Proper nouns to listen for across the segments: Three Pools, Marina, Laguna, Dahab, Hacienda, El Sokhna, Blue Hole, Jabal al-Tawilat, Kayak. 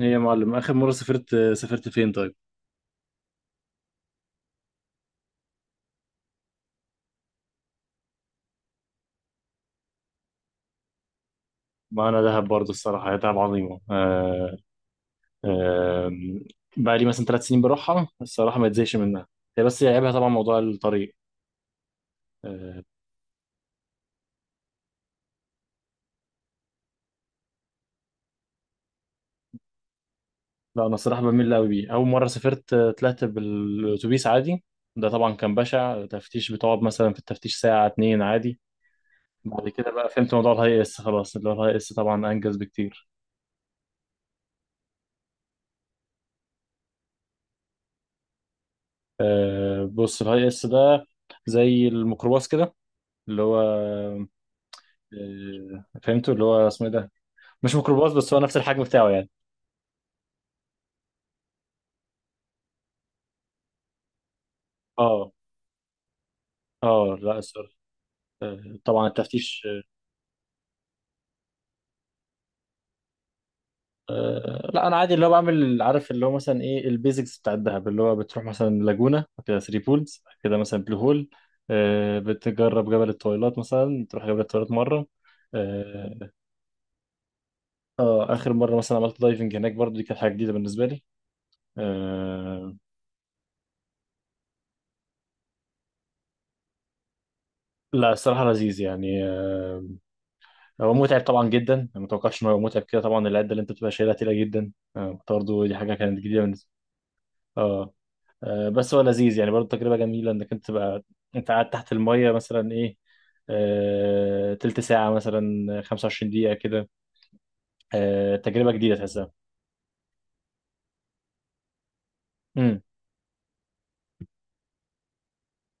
ايه يا معلم، اخر مره سافرت فين طيب؟ ما انا دهب برضه الصراحه، هي دهب عظيمه. آه بقى لي مثلا ثلاث سنين بروحها الصراحه، ما اتزهقش منها. هي بس هي عيبها طبعا موضوع الطريق. آه لا انا الصراحه بميل قوي بيه. اول مره سافرت، طلعت بالاتوبيس عادي. ده طبعا كان بشع تفتيش، بتقعد مثلا في التفتيش ساعه اتنين عادي. بعد كده بقى فهمت موضوع الهاي اس خلاص، اللي هو الهاي اس طبعا انجز بكتير. بص الهاي اس ده زي الميكروباص كده اللي هو، فهمته اللي هو اسمه ايه ده، مش ميكروباص بس هو نفس الحجم بتاعه يعني. اه. اه لا الصراحه. طبعا التفتيش. لا انا عادي اللي هو بعمل، عارف اللي هو مثلا ايه البيزكس بتاع الدهب، اللي هو بتروح مثلا لاجونا كده، ثري بولز كده، مثلا بلو هول. بتجرب جبل الطويلات، مثلا تروح جبل الطويلات مره. اه. اخر مره مثلا عملت دايفنج هناك برضو، دي كانت حاجه جديده بالنسبه لي. آه، لا الصراحه لذيذ يعني. هو متعب طبعا جدا، أنا ما اتوقعش ان هو متعب كده، طبعا العده اللي انت بتبقى شايلها تقيله جدا. برضه دي حاجه كانت جديده بالنسبه. اه. بس هو لذيذ يعني برضه تجربه جميله انك انت تبقى، انت قاعد تحت الميه مثلا ايه، تلت ساعه مثلا، 25 دقيقه كده. تجربه جديده تحسها. امم.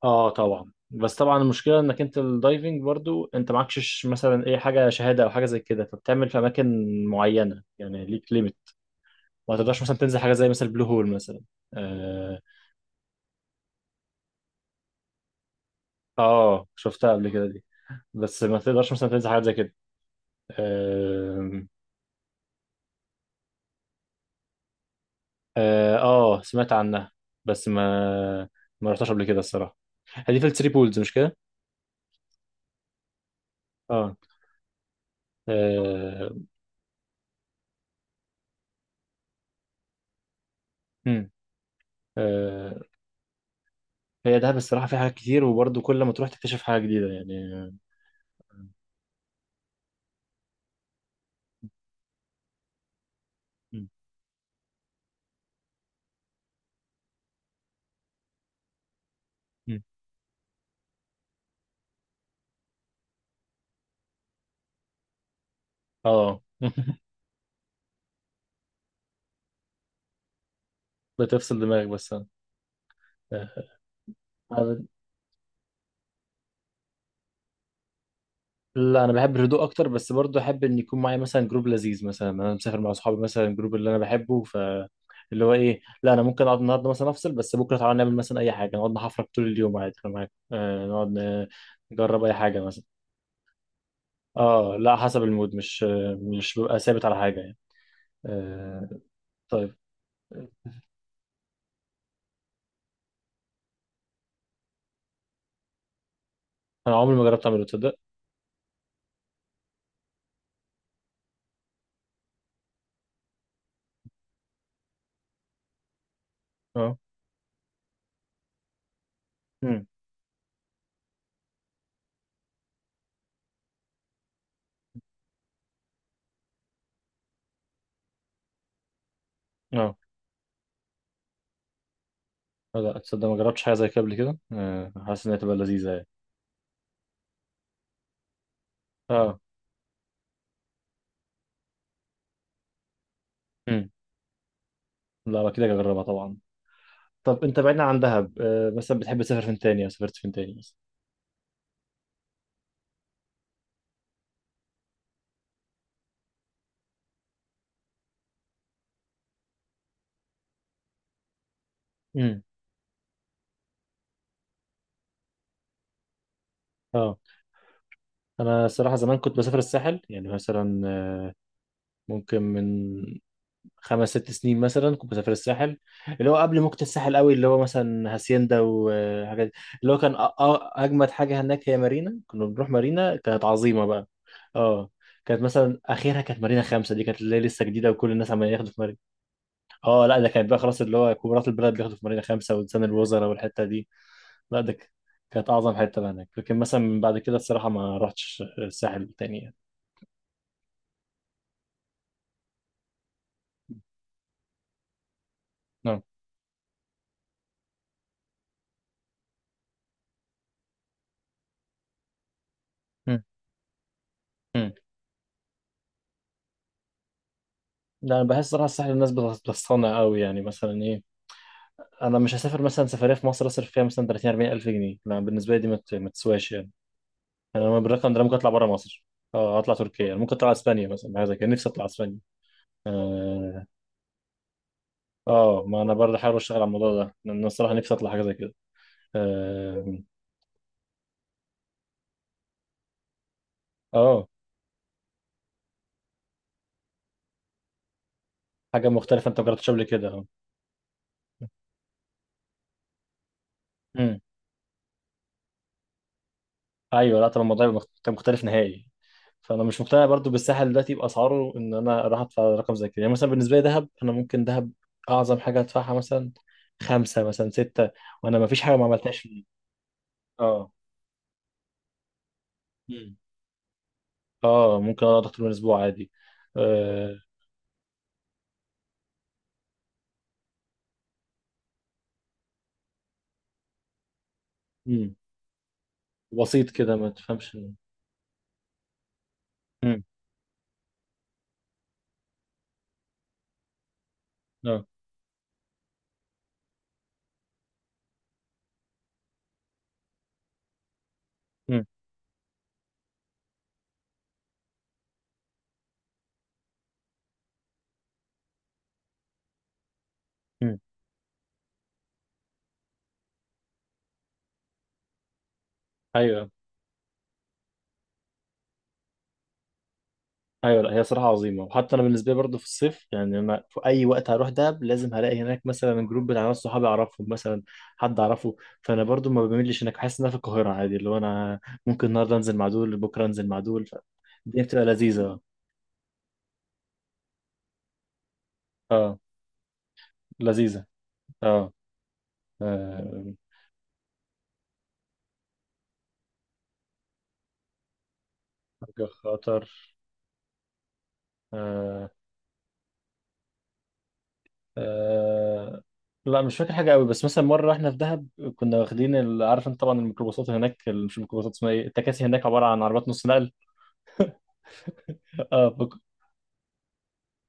اه طبعا، بس طبعا المشكله انك انت الدايفنج برضو انت معكش مثلا ايه حاجه شهاده او حاجه زي كده، فبتعمل في اماكن معينه، يعني ليك ليميت. ما تقدرش مثلا تنزل حاجه زي مثلا البلو هول مثلا. آه، اه شفتها قبل كده دي، بس ما تقدرش مثلا تنزل حاجات زي كده. آم، اه. سمعت عنها بس ما رحتهاش قبل كده الصراحه. هي دي في الثري بولز مش كده؟ اه. آه، مم. آه، هي دهب الصراحه فيها حاجات كتير، وبرضه كل ما تروح تكتشف حاجه جديده يعني. مم. مم. اه بتفصل دماغك بس. آه. آه. لا انا بحب الهدوء اكتر، بس برضه احب ان يكون معايا مثلا جروب لذيذ، مثلا انا مسافر مع اصحابي مثلا الجروب اللي انا بحبه، ف اللي هو ايه، لا انا ممكن اقعد النهارده مثلا افصل، بس بكره تعالى نعمل مثلا اي حاجه، نقعد نحفرك طول اليوم عادي انا معاك. آه نجرب اي حاجه مثلا. اه لا حسب المود، مش ببقى ثابت على حاجه يعني. آه. طيب انا عمري ما جربت اعمله تصدق. اه. امم. اه لا تصدق ما جربتش حاجه زي كده قبل كده. آه حاسس انها تبقى لذيذه يعني. اه. امم. لا اكيد هجربها طبعا. طب انت بعيدا عن دهب، مثلا بتحب تسافر فين تاني او سافرت فين تاني مثلا؟ امم. اه انا الصراحه زمان كنت بسافر الساحل يعني مثلا، ممكن من خمس ست سنين مثلا كنت بسافر الساحل، اللي هو قبل موجة الساحل قوي، اللي هو مثلا هاسيندا وحاجات دي. اللي هو كان اجمد حاجه هناك هي مارينا، كنا بنروح مارينا كانت عظيمه بقى. اه كانت مثلا اخرها كانت مارينا خمسة، دي كانت اللي هي لسه جديده وكل الناس عمالين ياخدوا في مارينا. اه لا ده كانت بقى خلاص، اللي هو كبارات البلد بياخدوا في مارينا خمسة، وزن الوزراء والحته دي. لا ده ك- كانت أعظم حتة بقى هناك، لكن مثلا من بعد كده الصراحة ما رحتش الساحل تاني يعني. نعم. مم. مم. لا أنا بحس صراحة الساحل الناس بتصطنع قوي يعني، مثلا إيه أنا مش هسافر مثلا سفرية في مصر أصرف فيها مثلا 30 40 ألف جنيه، لا بالنسبة لي دي ما تسواش يعني. أنا بالرقم ده ممكن أطلع بره مصر. اه اطلع تركيا، أنا ممكن اطلع اسبانيا مثلا حاجه زي كده، نفسي اطلع اسبانيا. اه ما انا برضه حابب اشتغل على الموضوع ده لان أنا الصراحه نفسي اطلع حاجه زي كده. آم، اه حاجه مختلفه انت ما جربتش قبل كده، اه. مم. ايوه لا طب الموضوع يبقى مختلف نهائي. فانا مش مقتنع برضو بالساحل دلوقتي باسعاره، ان انا اروح ادفع رقم زي كده، يعني مثلا بالنسبه لي دهب انا ممكن دهب اعظم حاجه ادفعها مثلا خمسه مثلا سته، وانا ما فيش حاجه ما عملتهاش فيه. اه. مم. اه ممكن اقعد اكتر من اسبوع عادي. آه. مم. بسيط كده ما تفهمش. مم. اه. مم. مم. ايوه. ايوه لا هي صراحه عظيمه، وحتى انا بالنسبه لي برضه في الصيف، يعني انا في اي وقت هروح دهب لازم هلاقي هناك مثلا جروب بتاع ناس صحابي اعرفهم مثلا، حد اعرفه. فانا برضه ما بميلش هناك، بحس ان انا في القاهره عادي، اللي هو انا ممكن النهارده انزل مع دول بكره انزل مع دول ف- الدنيا بتبقى لذيذه اه. آه، لذيذه. اه. آه، حاجه خطر؟ آه. آه. لا مش فاكر حاجه قوي، بس مثلا مره احنا في دهب كنا واخدين عارف انت طبعا الميكروباصات هناك مش الميكروباصات اسمها ايه، التكاسي هناك عباره عن عربيات نص نقل. اه.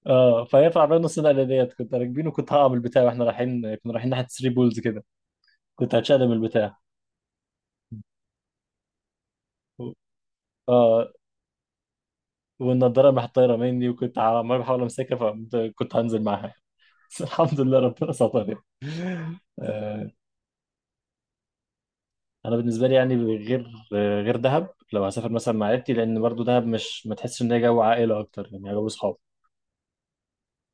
اه فهي في عربيه نص نقله ديت كنت راكبين، وكنت هقع من البتاع واحنا رايحين، كنا رايحين ناحيه 3 بولز كده. كنت هتشقلب من البتاع. و- اه والنضاره راحت طايره مني وكنت عمال بحاول امسكها، فكنت هنزل معاها بس الحمد لله ربنا سترني. آه، انا بالنسبه لي يعني غير، غير دهب لو هسافر مثلا مع عيلتي، لان برضو دهب مش، ما تحسش ان هي جو عائله اكتر يعني، جو اصحاب.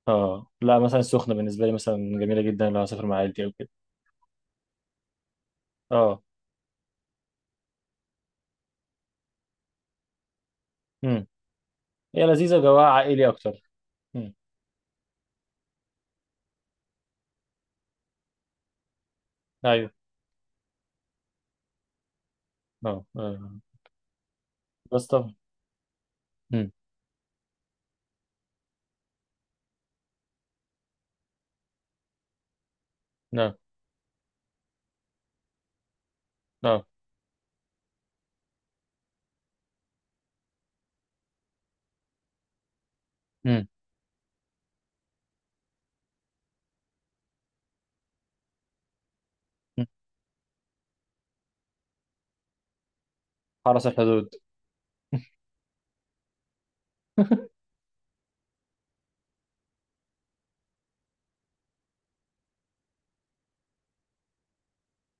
اه لا مثلا السخنه بالنسبه لي مثلا جميله جدا لو هسافر مع عيلتي او كده. اه. امم. هي لذيذه وجواها عائلي اكتر. امم. ايوه اه. آه. اسطى. مم. نعم. نعم. مم. مم. حرس الحدود.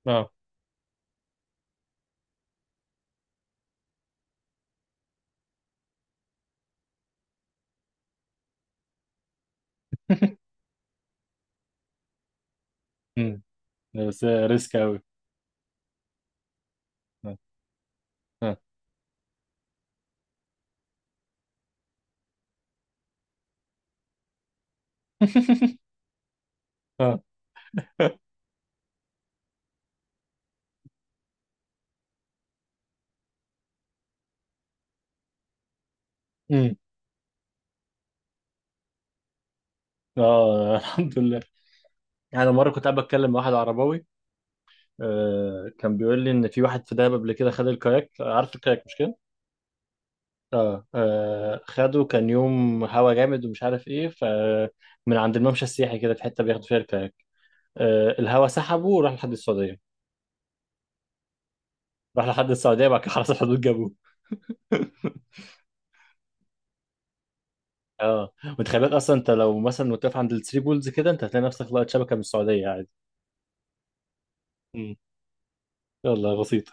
نعم مم. بس ريسك قوي. آه. آه. مم. اه الحمد لله. انا مره كنت قاعد بتكلم مع واحد عرباوي. آه كان بيقول لي ان في واحد في دهب قبل كده خد الكاياك، عارف الكاياك مش كده؟ آه. اه خده كان يوم هوا جامد ومش عارف ايه ف من عند الممشى السياحي كده، في حته بياخدوا فيها الكاياك. آه الهوا سحبه وراح لحد السعوديه. راح لحد السعوديه، بعد كده خلاص الحدود جابوه اه وتخيل بالك، اصلا انت لو مثلا واقف عند الثري بولز كده، انت هتلاقي نفسك لقيت شبكه من السعوديه عادي. مم. يلا بسيط.